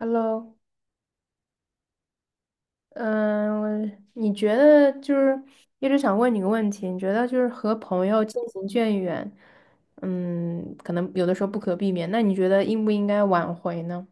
Hello，嗯，我你觉得就是一直想问你个问题，你觉得就是和朋友渐行渐远，嗯，可能有的时候不可避免，那你觉得应不应该挽回呢？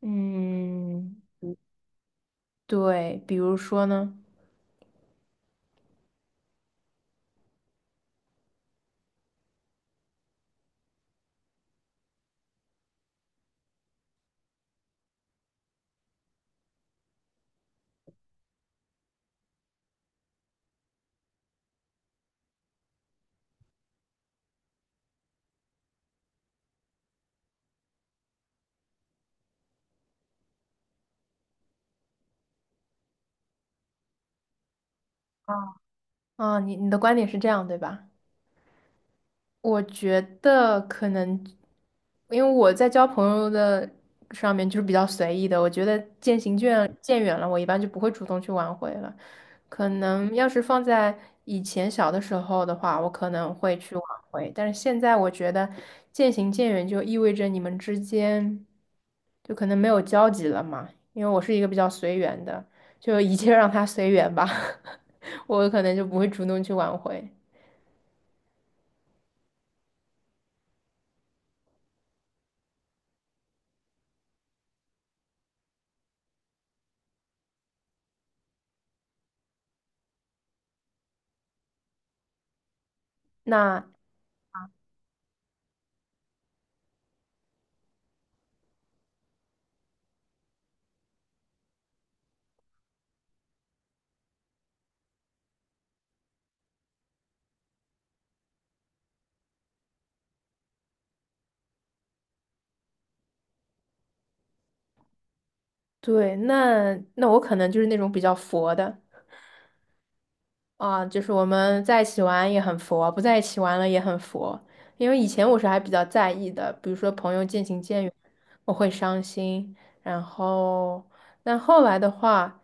嗯，对，比如说呢？啊，你的观点是这样，对吧？我觉得可能，因为我在交朋友的上面就是比较随意的，我觉得渐行渐远了，我一般就不会主动去挽回了。可能要是放在以前小的时候的话，我可能会去挽回，但是现在我觉得渐行渐远就意味着你们之间就可能没有交集了嘛，因为我是一个比较随缘的，就一切让它随缘吧，我可能就不会主动去挽回。那。对，那我可能就是那种比较佛的啊，就是我们在一起玩也很佛，不在一起玩了也很佛。因为以前我是还比较在意的，比如说朋友渐行渐远，我会伤心。然后，但后来的话，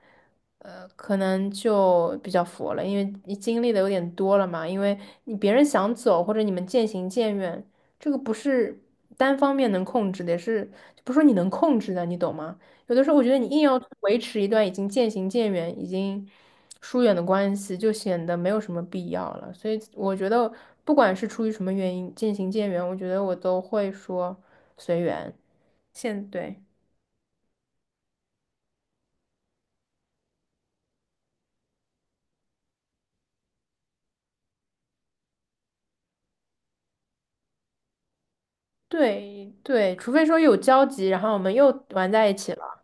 可能就比较佛了，因为你经历的有点多了嘛。因为你别人想走，或者你们渐行渐远，这个不是单方面能控制的，也是不是说你能控制的，你懂吗？有的时候我觉得你硬要维持一段已经渐行渐远、已经疏远的关系，就显得没有什么必要了。所以我觉得，不管是出于什么原因渐行渐远，我觉得我都会说随缘。现对对对，除非说有交集，然后我们又玩在一起了。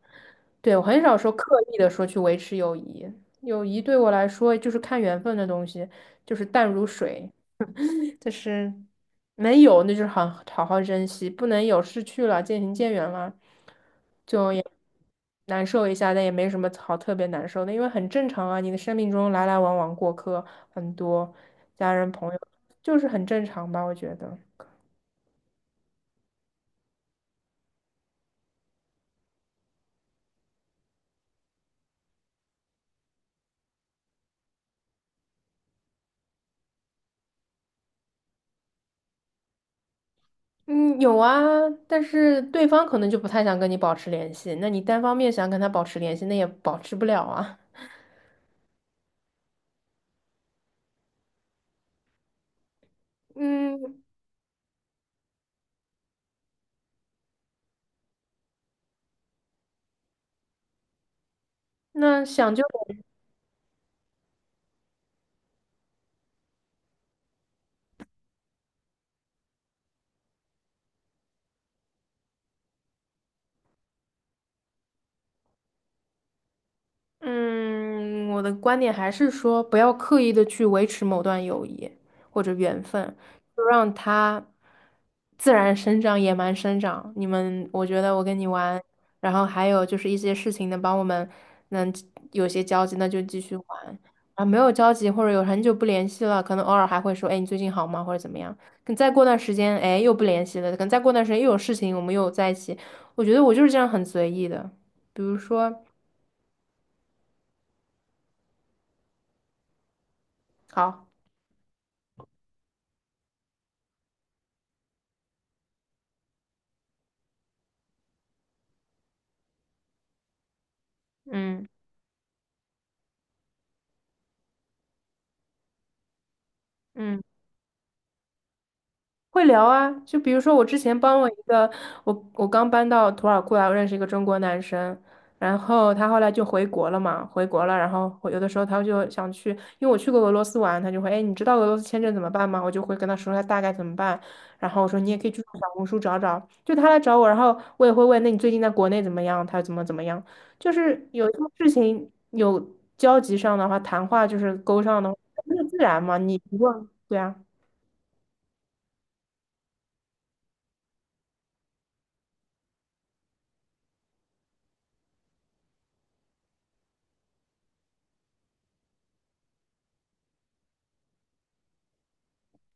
对，我很少说刻意的说去维持友谊，友谊对我来说就是看缘分的东西，就是淡如水。就是能有那就是好好珍惜，不能有失去了，渐行渐远了，难受一下，但也没什么好特别难受的，因为很正常啊。你的生命中来来往往过客很多，家人朋友就是很正常吧，我觉得。嗯，有啊，但是对方可能就不太想跟你保持联系，那你单方面想跟他保持联系，那也保持不了啊。嗯，那想就嗯，我的观点还是说，不要刻意的去维持某段友谊或者缘分，就让它自然生长、野蛮生长。你们，我觉得我跟你玩，然后还有就是一些事情能帮我们能有些交集，那就继续玩。啊，没有交集或者有很久不联系了，可能偶尔还会说，哎，你最近好吗？或者怎么样？可再过段时间，哎，又不联系了，可能再过段时间又有事情，我们又在一起。我觉得我就是这样很随意的，比如说，好，嗯。嗯，会聊啊，就比如说我之前帮我一个，我刚搬到土耳其来，我认识一个中国男生，然后他后来就回国了嘛，回国了，然后我有的时候他就想去，因为我去过俄罗斯玩，他就会，哎，你知道俄罗斯签证怎么办吗？我就会跟他说他大概怎么办，然后我说你也可以去小红书找找，就他来找我，然后我也会问，那你最近在国内怎么样？他怎么怎么样？就是有些事情有交集上的话，谈话就是勾上的话，那就自然嘛，你不问，对啊。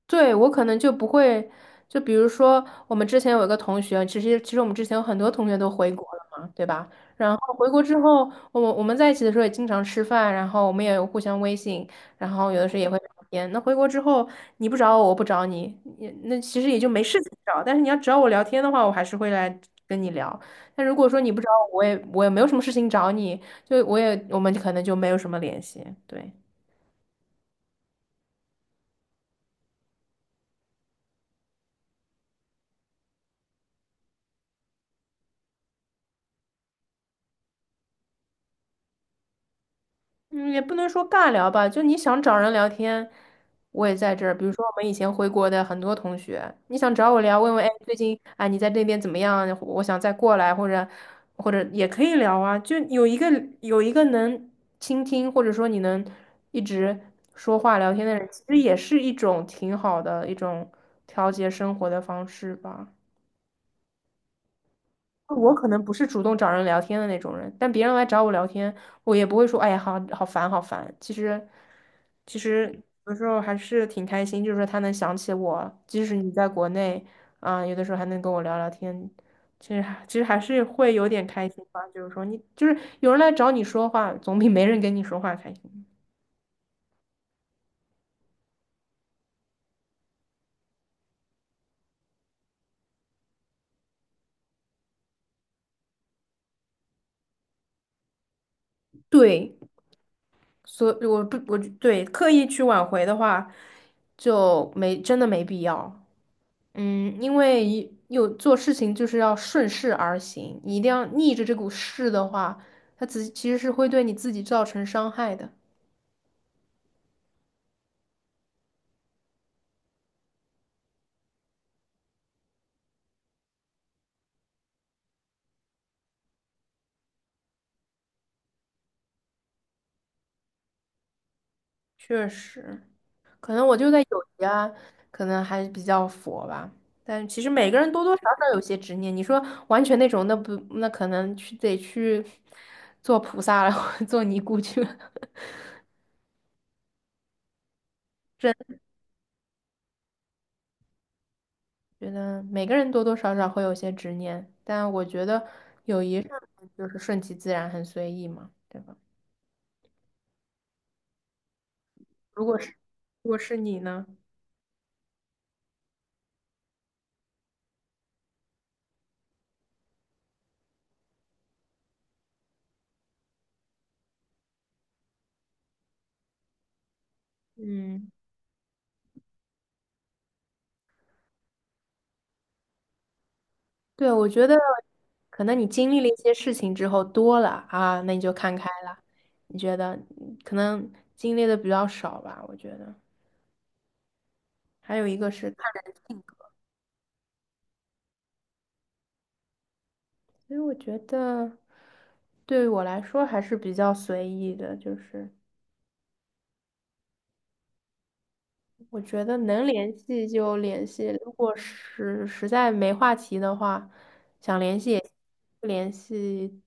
对，我可能就不会，就比如说我们之前有一个同学，其实我们之前有很多同学都回国了嘛，对吧？然后回国之后，我们在一起的时候也经常吃饭，然后我们也有互相微信，然后有的时候也会聊天。那回国之后，你不找我，我不找你，也那其实也就没事情找。但是你要找我聊天的话，我还是会来跟你聊。但如果说你不找我，我也没有什么事情找你，就我们可能就没有什么联系，对。嗯，也不能说尬聊吧，就你想找人聊天，我也在这儿。比如说我们以前回国的很多同学，你想找我聊，问问，哎，最近啊你在那边怎么样？我想再过来，或者或者也可以聊啊。就有一个能倾听，或者说你能一直说话聊天的人，其实也是一种挺好的一种调节生活的方式吧。我可能不是主动找人聊天的那种人，但别人来找我聊天，我也不会说"哎呀，好烦，好烦"。其实，有时候还是挺开心，就是说他能想起我，即使你在国内，啊、有的时候还能跟我聊聊天，其实还是会有点开心吧。就是说你，就是有人来找你说话，总比没人跟你说话开心。对，所以我不，我对刻意去挽回的话，就没真的没必要。嗯，因为一有做事情就是要顺势而行，你一定要逆着这股势的话，它只其实是会对你自己造成伤害的。确实，可能我就在友谊啊，可能还比较佛吧。但其实每个人多多少少有些执念。你说完全那种，那不那可能去得去做菩萨了，或者做尼姑去了。真的觉得每个人多多少少会有些执念，但我觉得友谊上面就是顺其自然，很随意嘛，对吧？如果是如果是你呢？嗯，对，我觉得可能你经历了一些事情之后多了啊，那你就看开了。你觉得嗯可能经历的比较少吧？我觉得还有一个是看人性格，所以我觉得对于我来说还是比较随意的，就是我觉得能联系就联系，如果是实在没话题的话，想联系也行不联系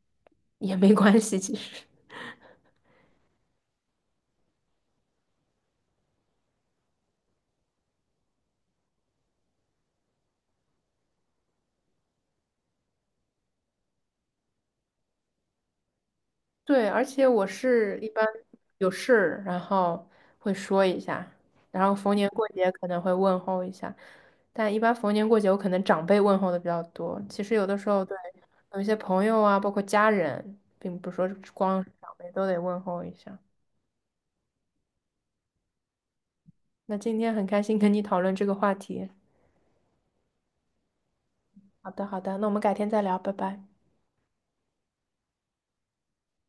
也没关系，其实。对，而且我是一般有事，然后会说一下，然后逢年过节可能会问候一下，但一般逢年过节我可能长辈问候的比较多。其实有的时候对有一些朋友啊，包括家人，并不是说光是长辈都得问候一下。那今天很开心跟你讨论这个话题。好的，好的，那我们改天再聊，拜拜。